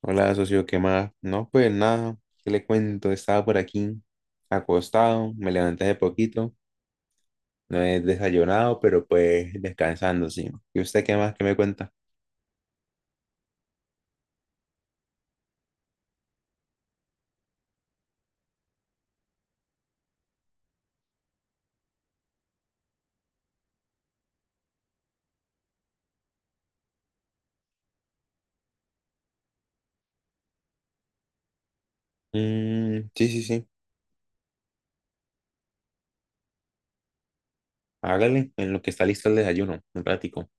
Hola, socio, ¿qué más? No, pues nada, ¿qué le cuento? Estaba por aquí acostado, me levanté de poquito, no he desayunado, pero pues descansando, sí. ¿Y usted qué más? ¿Qué me cuenta? Mm, sí, sí, sí, hágale, en lo que está listo el desayuno, un ratico,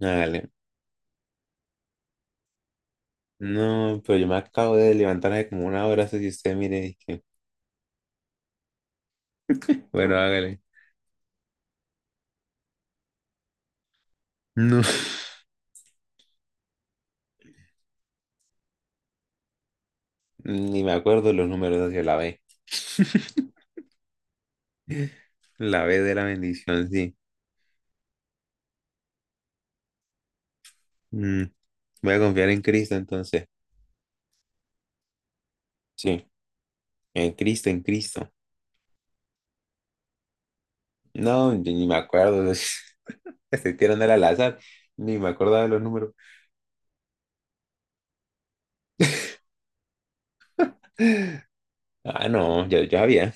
hágale. No, pero yo me acabo de levantar hace como una hora, si usted mire, dije, bueno, hágale. No, ni me acuerdo los números hacia la B, la B de la bendición, sí. Mm, Voy a confiar en Cristo entonces, sí. En Cristo, en Cristo. No, yo ni me acuerdo. Estoy tirando al azar. Ni me acordaba de los números. Ah, no, ya, ya había.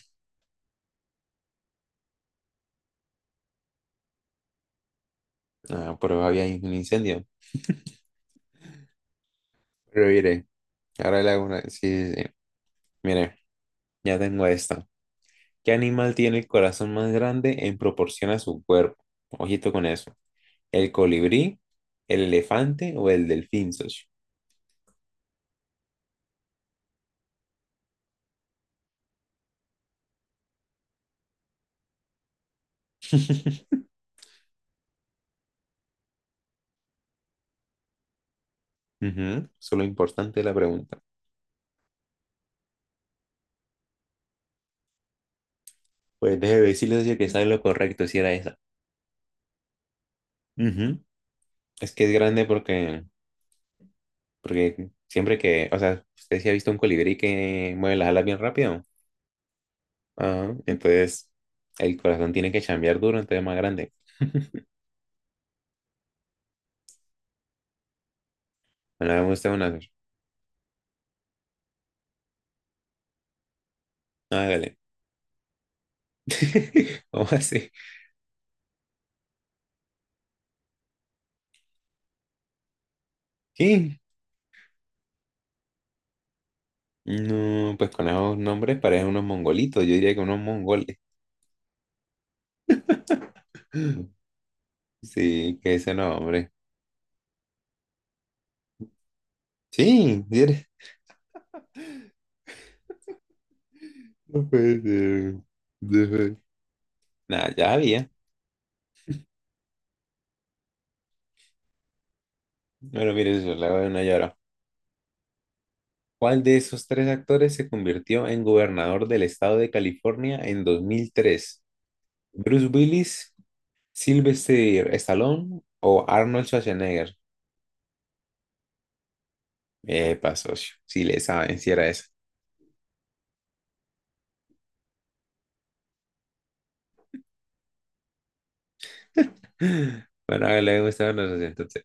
Ah, pero había ahí un incendio. Pero mire, ahora le hago una. Sí, sí, sí. Mire, ya tengo esta. ¿Qué animal tiene el corazón más grande en proporción a su cuerpo? Ojito con eso. ¿El colibrí, el elefante o el delfín, socio? Ujú. Eso es lo importante de la pregunta. Pues déjeme decirle, socio, que sabe lo correcto si era esa. Ujú. Es que es grande porque porque siempre que, o sea, usted sí ha visto un colibrí que mueve las alas bien rápido. Ajá, entonces, el corazón tiene que chambear duro, entonces es más grande. Bueno, hagamos usted una vez. Hágale. ¿Cómo así? ¿Qué? No, pues con esos nombres parecen unos mongolitos. Yo diría que unos mongoles. Sí, que ese nombre. Sí, mire. No puede ser. No puede- Nah, ya había. Bueno, mire, eso, le hago una llora. ¿Cuál de esos tres actores se convirtió en gobernador del estado de California en 2003? ¿Bruce Willis, Sylvester Stallone o Arnold Schwarzenegger? Epa, socio, si le saben, si era eso. Bueno, hágale, gustaban los socio, entonces.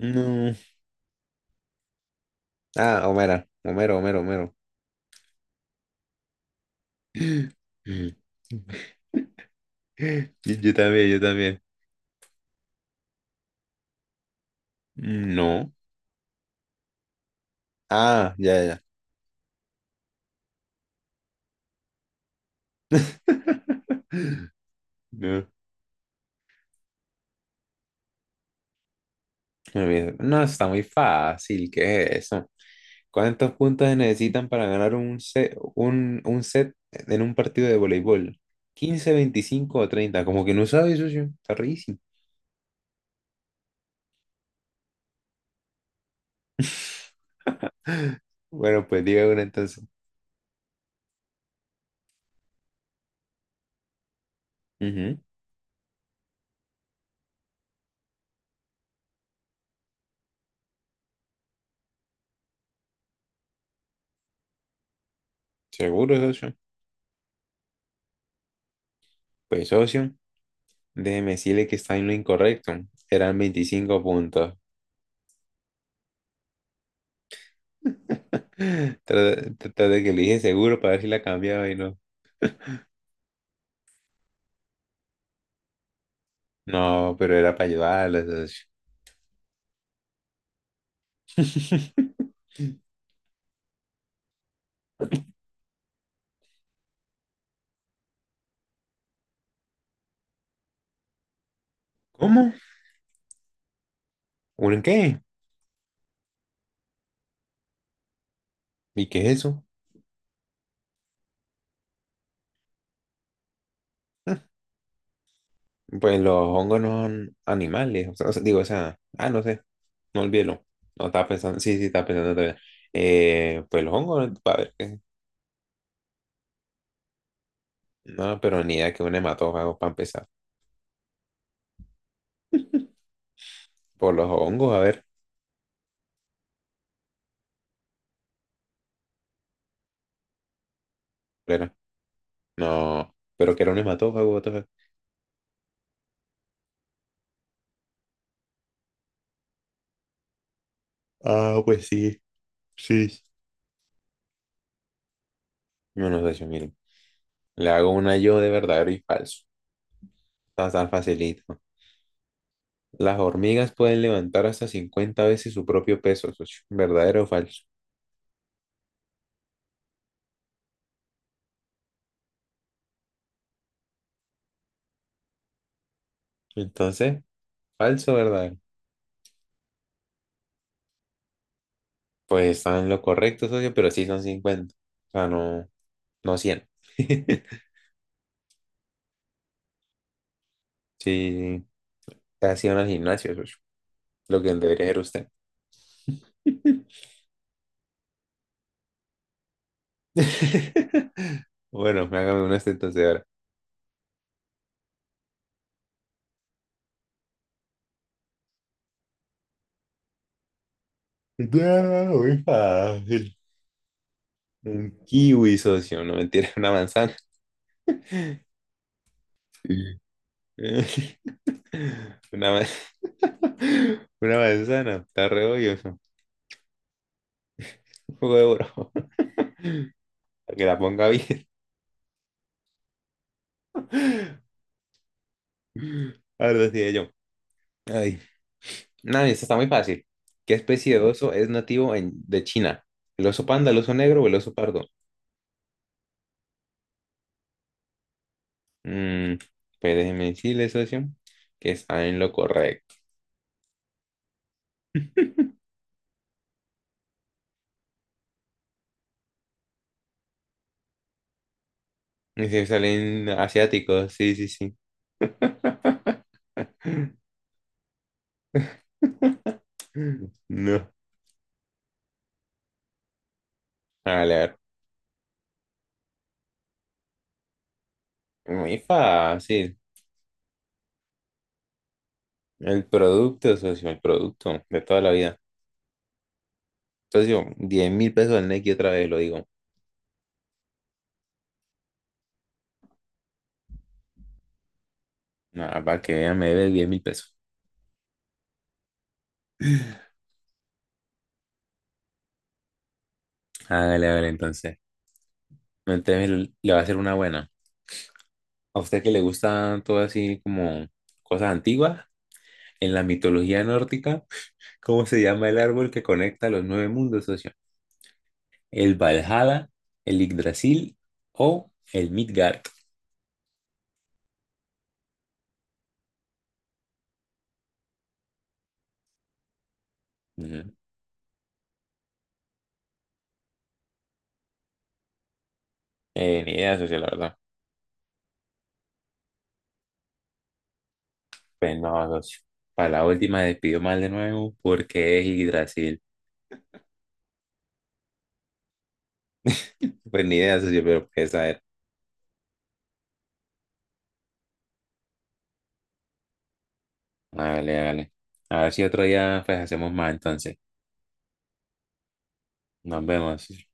No. Ah, Homero, Homero, Homero, Homero. Mm. Yo también, yo también. No. Ah, ya, ya. Ya. No, no, mira, no, está muy fácil, ¿qué es eso? ¿Cuántos puntos se necesitan para ganar un set, un set en un partido de voleibol? 15, 25 o 30. Como que no sabes, socio. Está rarísimo. Bueno, pues diga uno entonces. Ujú. Seguro, socio. Pues, socio, déjeme decirle que está en lo incorrecto. Eran 25 puntos. Trata de que le dije seguro para ver si la cambiaba y no. No, pero era para ayudarla, socio. ¿Cómo? ¿Un qué? ¿Y qué es eso? Pues los hongos no son animales, o sea, digo, no sé, no olvídelo. No estaba pensando, sí, sí, estaba pensando todavía. Pues los hongos, a ver, no, pero ni idea que un hematófago para empezar. Por los hongos, a ver, pero, no, pero que era un hematófago, what the fuck. Yo no sé, yo miro. Le hago una yo de verdadero y falso. Está tan facilito. Las hormigas pueden levantar hasta 50 veces su propio peso, socio. ¿Verdadero o falso? Entonces, falso, ¿verdad? Pues están en lo correcto, socio, pero sí son 50. O sea, no, no 100. Sí, casi van al gimnasio, socio. Lo que debería ser usted. Bueno, hágame una entonces ahora. Ah, muy fácil. Un kiwi, socio. No mentira, una manzana. Sí. Una, ma- una manzana. Está re obvio eso. Un poco de oro. Para que la ponga bien. Ahora sí, yo. Ay. No, esta está muy fácil. ¿Qué especie de oso es nativo de China? ¿El oso panda, el oso negro o el oso pardo? Mm, pues déjeme decirle, socio, que está en lo correcto. Y si salen asiáticos, sí, sí, sí. No. Vale, a ver, muy fácil. El producto, socio, el producto de toda la vida. Socio, 10.000 pesos al Nequi otra vez, lo digo. Nada, para que vea, me debe 10.000 pesos. Hágale, hágale, entonces. Entonces le voy a hacer una buena. A usted que le gusta todo así como cosas antiguas, en la mitología nórdica, ¿cómo se llama el árbol que conecta los nueve mundos, socio? ¿El Valhalla, el Yggdrasil o el Midgard? Ujú. Ni idea, socio, la verdad. Pues no, socio. Para la última despidió mal de nuevo porque es Yggdrasil. Pues ni idea, socio, pero pues a ver. Vale, vale. A ver si otro día pues hacemos más entonces. Nos vemos.